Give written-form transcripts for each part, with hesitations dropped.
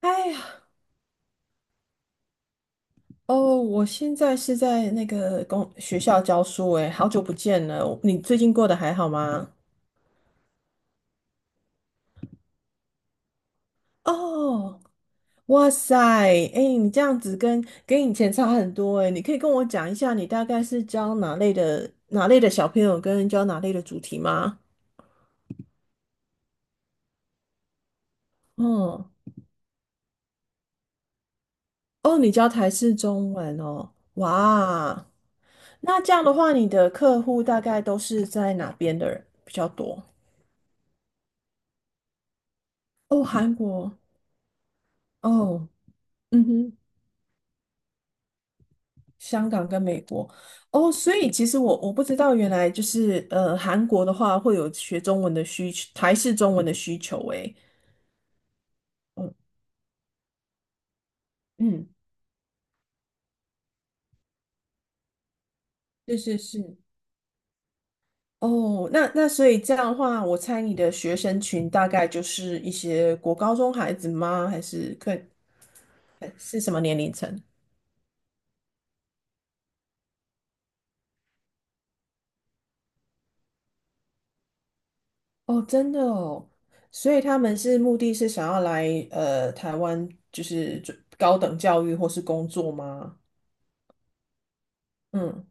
哎呀，哦，我现在是在那个公学校教书，哎，好久不见了，你最近过得还好吗？哦，哇塞，哎，你这样子跟以前差很多，哎，你可以跟我讲一下你大概是教哪类的小朋友，跟教哪类的主题吗？嗯，哦，你教台式中文哦，哇，那这样的话，你的客户大概都是在哪边的人比较多？哦，韩国，哦，嗯哼。香港跟美国。哦，所以其实我不知道，原来就是韩国的话会有学中文的需求，台式中文的需求，诶，嗯嗯，是是是。哦，那所以这样的话，我猜你的学生群大概就是一些国高中孩子吗？还是可以？哦，真的哦，所以他们是目的是想要来台湾，就是准高等教育或是工作吗？嗯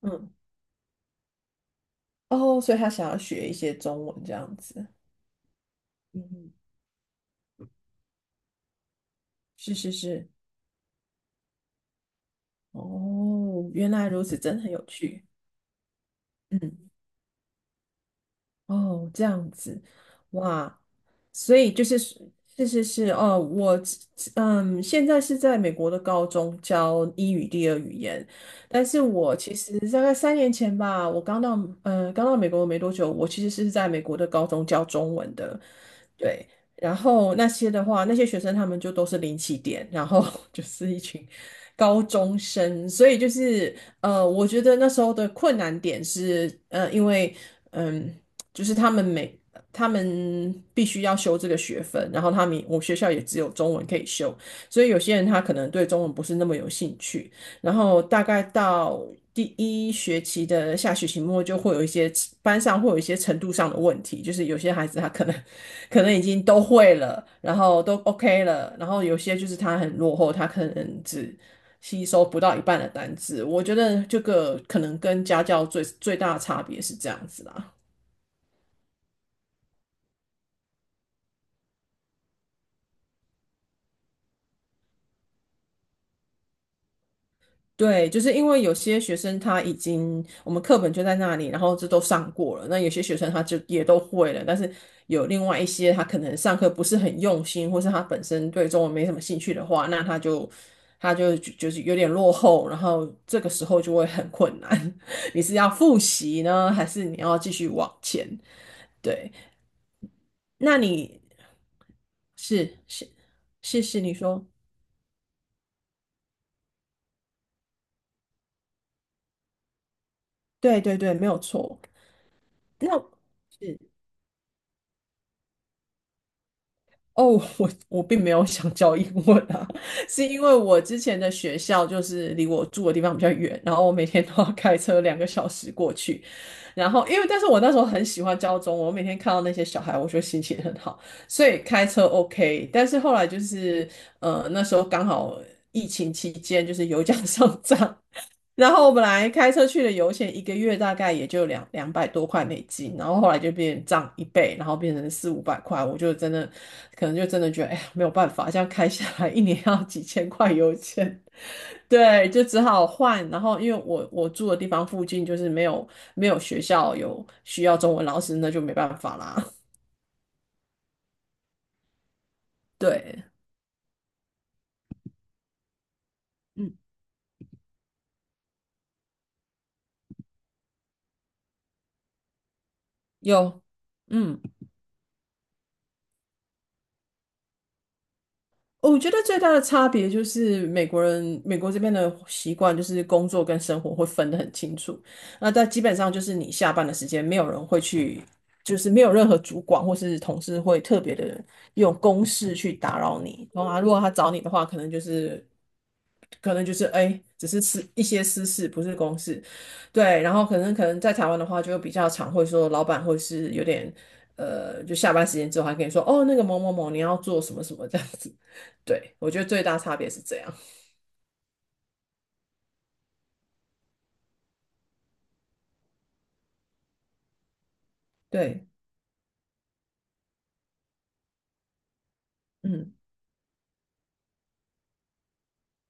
嗯，哦，所以他想要学一些中文这样子。嗯，是是是，哦，原来如此，真的很有趣。嗯，哦，这样子，哇，所以就是是是哦，我现在是在美国的高中教英语第二语言，但是我其实大概3年前吧，我刚到美国没多久，我其实是在美国的高中教中文的，对，然后那些的话，那些学生他们就都是零起点，然后 就是一群高中生，所以就是我觉得那时候的困难点是因为。嗯。就是他们每他们必须要修这个学分，然后他们我学校也只有中文可以修，所以有些人他可能对中文不是那么有兴趣，然后大概到第一学期的下学期末就会有一些班上会有一些程度上的问题，就是有些孩子他可能已经都会了，然后都 OK 了，然后有些就是他很落后，他可能只。吸收不到一半的单字，我觉得这个可能跟家教最大的差别是这样子啦。对，就是因为有些学生他已经我们课本就在那里，然后这都上过了。那有些学生他就也都会了，但是有另外一些他可能上课不是很用心，或是他本身对中文没什么兴趣的话，那他就是有点落后，然后这个时候就会很困难。你是要复习呢，还是你要继续往前？对，那你是是是你说对对对，没有错。那是哦，我并没有想教英文啊，是因为我之前的学校就是离我住的地方比较远，然后我每天都要开车2个小时过去。然后因为，但是我那时候很喜欢教中文，我每天看到那些小孩，我觉得心情很好，所以开车 OK。但是后来就是，那时候刚好疫情期间，就是油价 上涨，然后我本来开车去的油钱一个月大概也就200多块美金，然后后来就变涨一倍，然后变成四五百块，我就真的可能就真的觉得哎呀没有办法，这样开下来一年要几千块油钱，对，就只好换。然后因为我住的地方附近就是没有学校有需要中文老师，那就没办法啦。对，嗯，有，嗯。我觉得最大的差别就是美国人，美国这边的习惯就是工作跟生活会分得很清楚。那但基本上就是你下班的时间，没有人会去，就是没有任何主管或是同事会特别的用公事去打扰你。然后如果他找你的话，可能就是哎，只是一些私事，不是公事，对。然后可能在台湾的话，就比较常会说老板或是就下班时间之后还跟你说哦，那个某某某你要做什么什么这样子。对，我觉得最大差别是这样。对，嗯，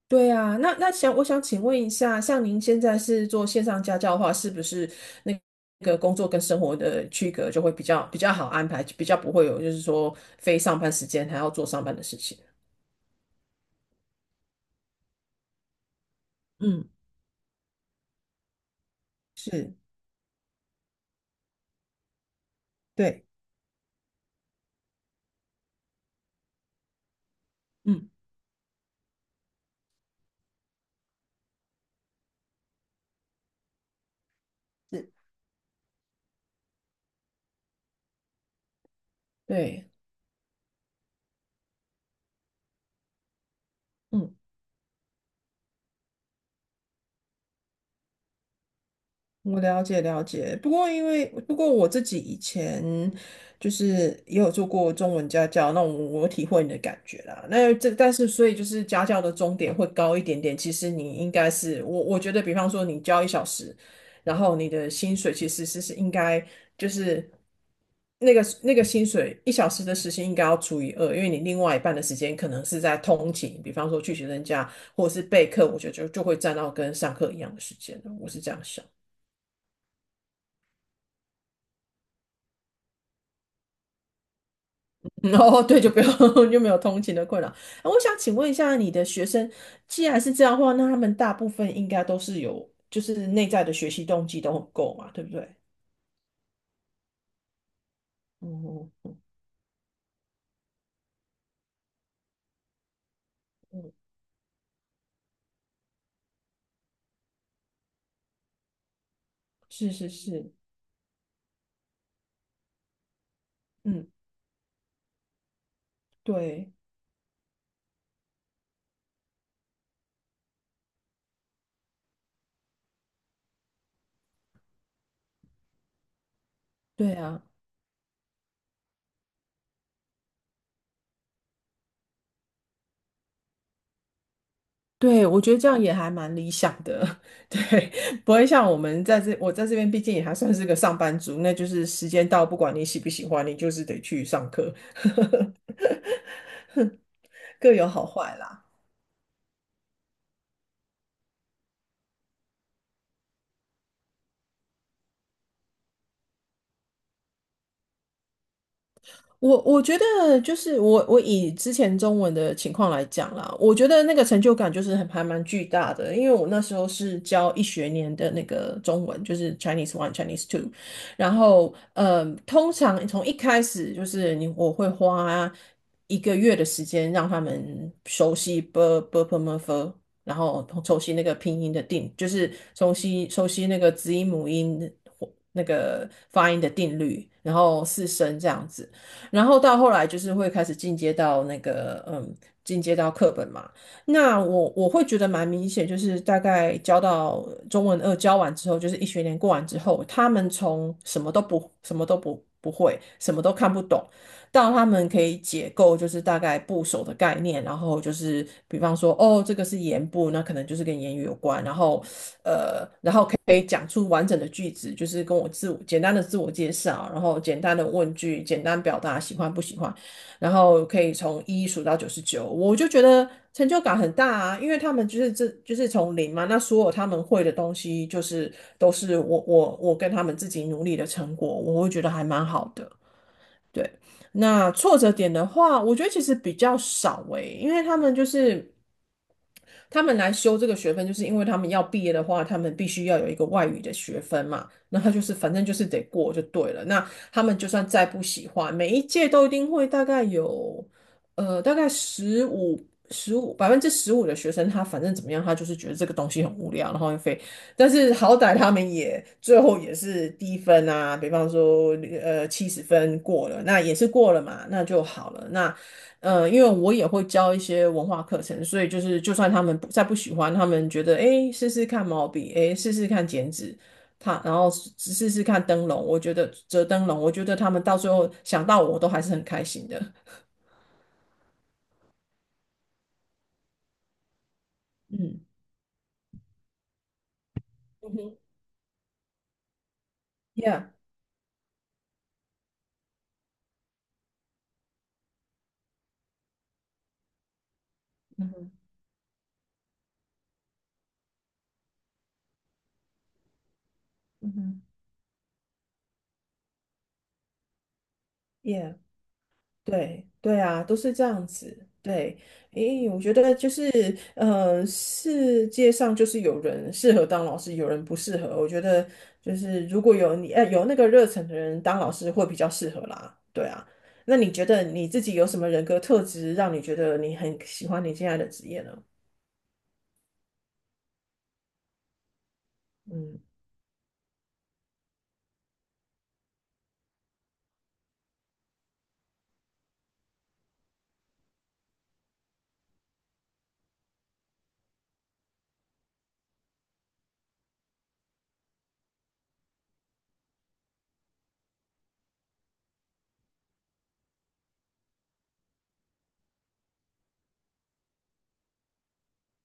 对啊。那那想我想请问一下，像您现在是做线上家教的话，是不是那个工作跟生活的区隔就会比较好安排，比较不会有就是说非上班时间还要做上班的事情？嗯，是，对。嗯，是对，嗯，我了解，不过不过我自己以前就是也有做过中文家教，那我体会你的感觉啦。那这但是所以就是家教的终点会高一点点，其实你应该是我觉得，比方说你教一小时，然后你的薪水其实应该就是那个薪水一小时的时薪应该要除以二，因为你另外一半的时间可能是在通勤，比方说去学生家或者是备课，我觉得就会占到跟上课一样的时间了我是这样想。哦，对，就不用 就没有通勤的困扰。那我想请问一下，你的学生既然是这样的话，那他们大部分应该都是有，就是内在的学习动机都很够嘛，对不对？哦，嗯，是是是，嗯，对对啊，对，我觉得这样也还蛮理想的，对，不会像我们在这，我在这边毕竟也还算是个上班族，那就是时间到，不管你喜不喜欢，你就是得去上课，各有好坏啦。我觉得就是我以之前中文的情况来讲啦，我觉得那个成就感就是很还蛮巨大的，因为我那时候是教一学年的那个中文，就是 Chinese One、Chinese Two，然后通常从一开始就是我会花一个月的时间让他们熟悉 b b p m f，然后熟悉那个拼音的定，就是熟悉那个子音母音那个发音的定律，然后四声这样子。然后到后来就是会开始进阶到进阶到课本嘛。那我会觉得蛮明显，就是大概教到中文二教完之后，就是一学年过完之后，他们从什么都不会，什么都看不懂，到他们可以解构，就是大概部首的概念，然后就是比方说，哦，这个是言部，那可能就是跟言语有关，然后可以讲出完整的句子，就是跟我自我简单的自我介绍，然后简单的问句，简单表达喜欢不喜欢，然后可以从一数到99，我就觉得成就感很大啊，因为他们就是这就是从零嘛，那所有他们会的东西，就是都是我跟他们自己努力的成果，我会觉得还蛮好的。对，那挫折点的话，我觉得其实比较少诶，因为他们来修这个学分，就是因为他们要毕业的话，他们必须要有一个外语的学分嘛。那他就是反正就是得过就对了。那他们就算再不喜欢，每一届都一定会大概十五15%的学生，他反正怎么样，他就是觉得这个东西很无聊，然后又非但是好歹他们也最后也是低分啊，比方说70分过了，那也是过了嘛，那就好了。那因为我也会教一些文化课程，所以就是就算他们不喜欢，他们觉得诶试试看毛笔，诶试试看剪纸，他然后试试看灯笼，我觉得折灯笼，我觉得他们到最后想到我都还是很开心的。嗯嗯哼，Yeah，嗯哼嗯哼。Yeah。对对啊，都是这样子。对，诶，我觉得就是，呃，世界上就是有人适合当老师，有人不适合。我觉得就是如果有那个热忱的人当老师会比较适合啦。对啊，那你觉得你自己有什么人格特质让你觉得你很喜欢你现在的职业呢？嗯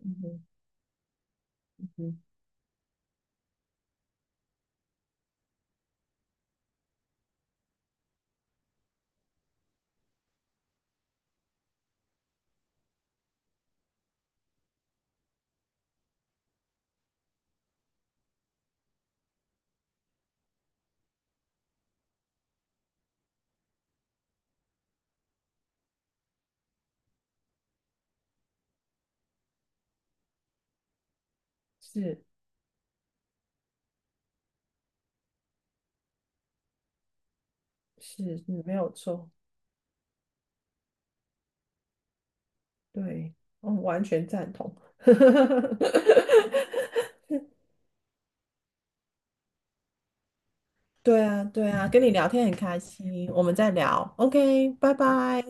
嗯哼嗯，是是，嗯没有错，对，嗯，完全赞同。对啊，对啊，跟你聊天很开心，我们再聊，OK，拜拜。